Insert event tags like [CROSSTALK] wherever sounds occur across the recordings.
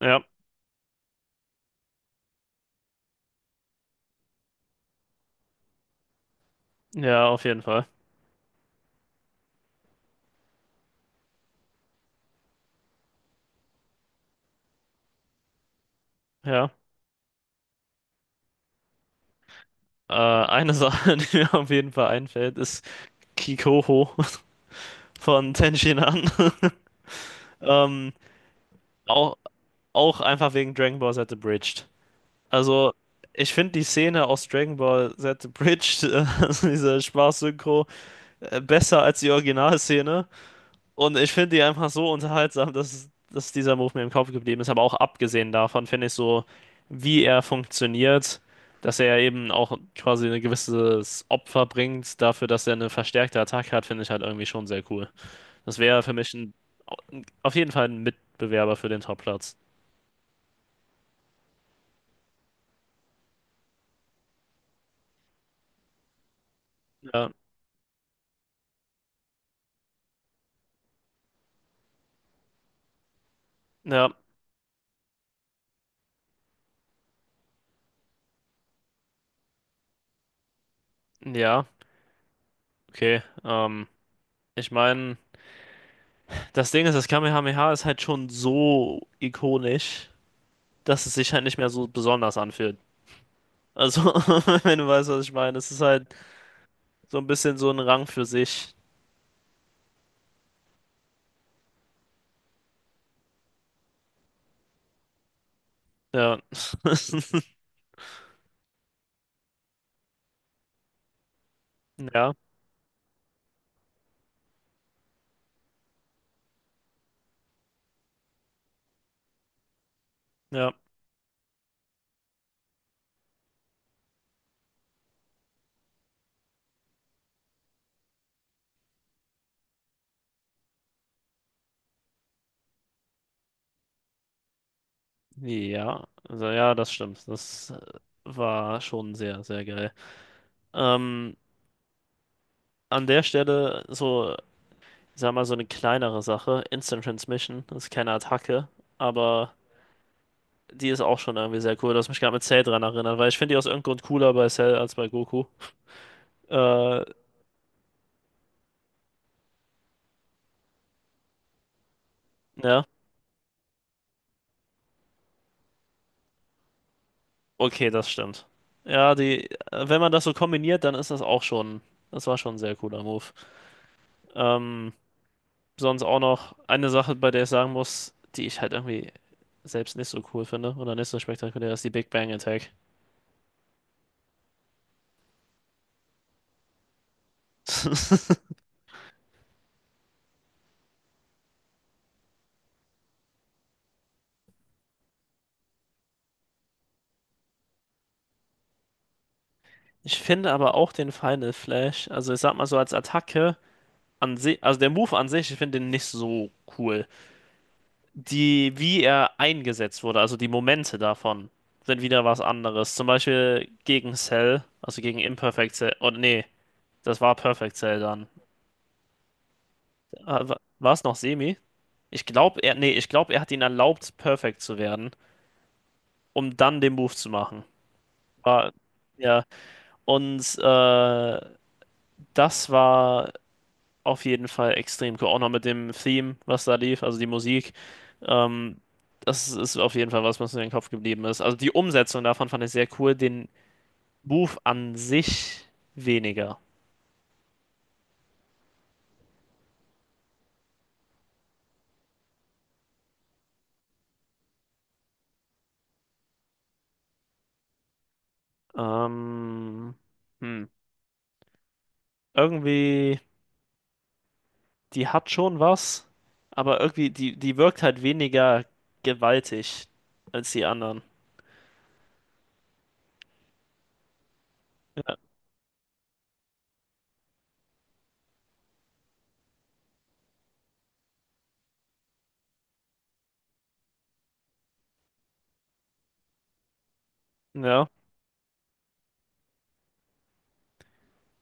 Ja, ja, auf jeden Fall. Ja. Eine Sache, [LAUGHS] die mir auf jeden Fall einfällt, ist Kikoho von Tenshinhan. [LAUGHS] Ähm, auch, auch einfach wegen Dragon Ball Z Abridged. Also, ich finde die Szene aus Dragon Ball Z Abridged, [LAUGHS] also diese Spaß-Synchro, besser als die Originalszene. Und ich finde die einfach so unterhaltsam, dass dieser Move mir im Kopf geblieben ist. Aber auch abgesehen davon finde ich so, wie er funktioniert, dass er eben auch quasi ein gewisses Opfer bringt dafür, dass er eine verstärkte Attacke hat, finde ich halt irgendwie schon sehr cool. Das wäre für mich ein, auf jeden Fall ein Mitbewerber für den Topplatz. Ja, ja, ja, okay. Ich meine, das Ding ist, das Kamehameha ist halt schon so ikonisch, dass es sich halt nicht mehr so besonders anfühlt. Also, [LAUGHS] wenn du weißt, was ich meine, es ist halt so ein bisschen so ein Rang für sich. Ja. [LAUGHS] Ja, ja, ja. Also, ja, das stimmt. Das war schon sehr, sehr geil. Ähm, an der Stelle so, sag mal, so eine kleinere Sache. Instant Transmission, das ist keine Attacke, aber die ist auch schon irgendwie sehr cool. Du hast mich gerade mit Cell dran erinnert, weil ich finde die aus irgendeinem Grund cooler bei Cell als bei Goku. Äh, ja. Okay, das stimmt. Ja, wenn man das so kombiniert, dann ist das auch schon, das war schon ein sehr cooler Move. Ähm, Sonst auch noch eine Sache, bei der ich sagen muss, die ich halt irgendwie selbst nicht so cool finde oder nicht so spektakulär, ist die Big Bang Attack. [LAUGHS] Ich finde aber auch den Final Flash, also ich sag mal so als Attacke an sich, also der Move an sich, ich finde den nicht so cool. Die, wie er eingesetzt wurde, also die Momente davon, sind wieder was anderes. Zum Beispiel gegen Cell, also gegen Imperfect Cell, oder nee. Das war Perfect Cell dann. War es noch Semi? Ich glaube, ich glaube, er hat ihn erlaubt, perfekt zu werden, um dann den Move zu machen. War, ja, und das war auf jeden Fall extrem cool. Auch noch mit dem Theme, was da lief, also die Musik. Ähm, Das ist auf jeden Fall was, was mir in den Kopf geblieben ist. Also die Umsetzung davon fand ich sehr cool, den Move an sich weniger. Ähm, hm. Irgendwie. Die hat schon was, aber irgendwie, die wirkt halt weniger gewaltig als die anderen. Ja. Ja,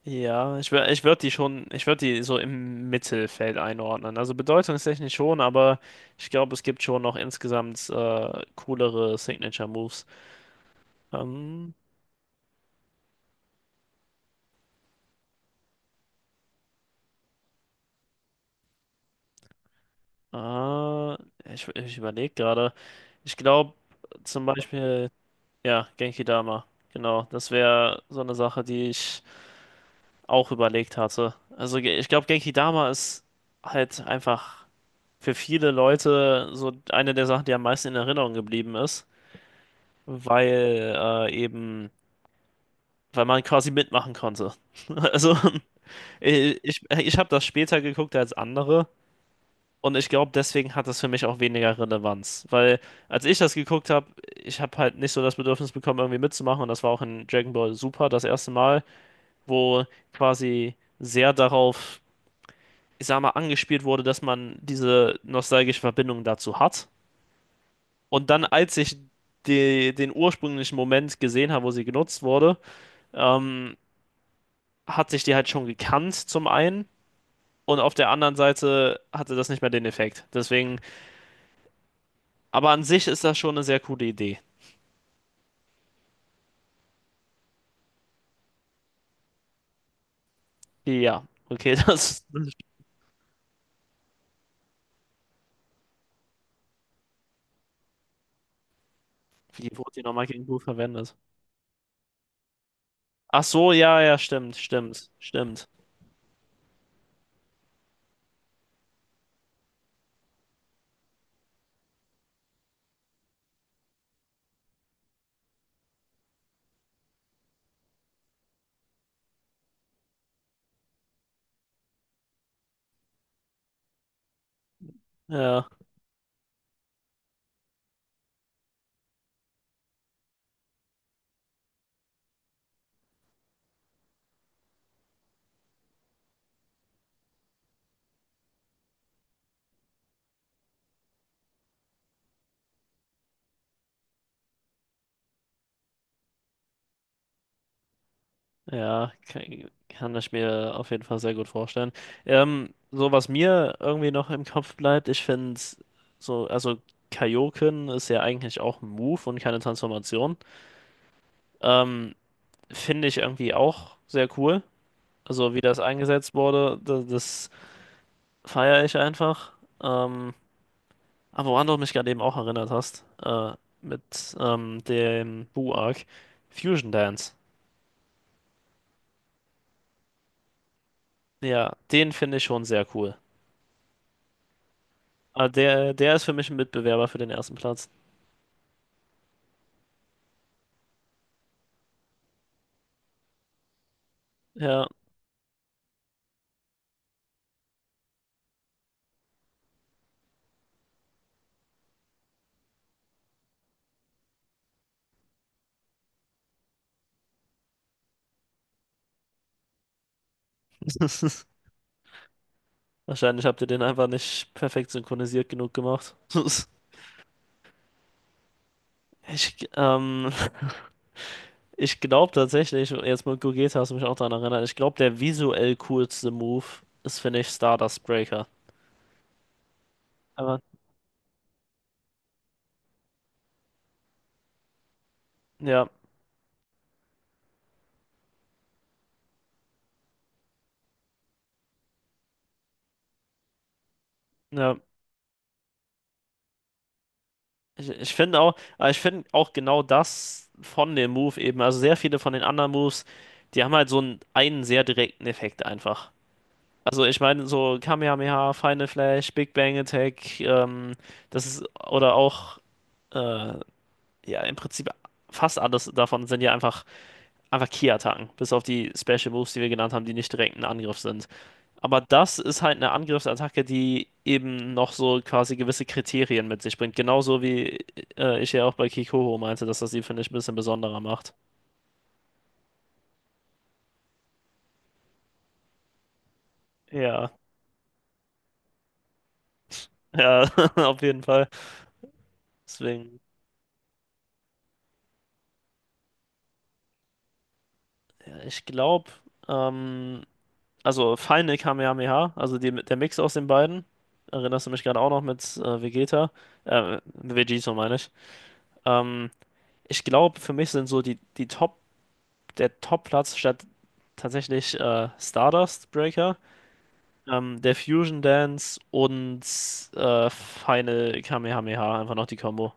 ja, ich würde die schon, ich würde die so im Mittelfeld einordnen. Also bedeutungstechnisch schon, aber ich glaube, es gibt schon noch insgesamt coolere Signature Moves. Ähm, äh, ich überlege gerade. Ich glaube zum Beispiel, ja, Genki Dama. Genau, das wäre so eine Sache, die ich auch überlegt hatte. Ich glaube, Genkidama ist halt einfach für viele Leute so eine der Sachen, die am meisten in Erinnerung geblieben ist, weil weil man quasi mitmachen konnte. [LAUGHS] Also ich habe das später geguckt als andere und ich glaube, deswegen hat das für mich auch weniger Relevanz, weil als ich das geguckt habe, ich habe halt nicht so das Bedürfnis bekommen, irgendwie mitzumachen, und das war auch in Dragon Ball Super das erste Mal, wo quasi sehr darauf ich sag mal, angespielt wurde, dass man diese nostalgische Verbindung dazu hat. Und dann, als ich den ursprünglichen Moment gesehen habe, wo sie genutzt wurde, ähm, hat sich die halt schon gekannt, zum einen. Und auf der anderen Seite hatte das nicht mehr den Effekt. Deswegen, aber an sich ist das schon eine sehr coole Idee. Ja, okay, [LAUGHS] das. Wie wurde die nochmal gegen Blue verwendet? Ach so, ja, ja, stimmt, stimmt, stimmt. Ja. Ja, kann, kann ich mir auf jeden Fall sehr gut vorstellen. So was mir irgendwie noch im Kopf bleibt, ich finde so, also Kaioken ist ja eigentlich auch ein Move und keine Transformation. Ähm, Finde ich irgendwie auch sehr cool. Also wie das eingesetzt wurde, das, das feiere ich einfach. Ähm, aber woran du mich gerade eben auch erinnert hast, mit dem Buu-Arc, Fusion Dance. Ja, den finde ich schon sehr cool. Ah, der, der ist für mich ein Mitbewerber für den ersten Platz. Ja. [LAUGHS] Wahrscheinlich habt ihr den einfach nicht perfekt synchronisiert genug gemacht. [LAUGHS] Ich, ähm, Ich glaube tatsächlich, jetzt mit Gogeta hast du mich auch daran erinnert, ich glaube, der visuell coolste Move ist, finde ich, Stardust Breaker. Aber ja, ja. Ich finde auch, aber ich finde auch genau das von dem Move eben, also sehr viele von den anderen Moves, die haben halt so einen sehr direkten Effekt einfach. Also ich meine, so Kamehameha, Final Flash, Big Bang Attack, das ist, oder auch, äh, ja, im Prinzip fast alles davon sind ja einfach Ki-Attacken, bis auf die Special Moves, die wir genannt haben, die nicht direkt ein Angriff sind. Aber das ist halt eine Angriffsattacke, die eben noch so quasi gewisse Kriterien mit sich bringt. Genauso wie ich ja auch bei Kikoho meinte, dass das sie, finde ich, ein bisschen besonderer macht. Ja, ja, [LAUGHS] auf jeden Fall. Deswegen, ja, ich glaube, ähm, Also Final Kamehameha, also die, der Mix aus den beiden. Erinnerst du mich gerade auch noch mit Vegeta? Vegito meine ich. Ähm, Ich glaube, für mich sind so die Top, der Top-Platz statt tatsächlich Stardust Breaker, der Fusion Dance und Final Kamehameha, einfach noch die Combo.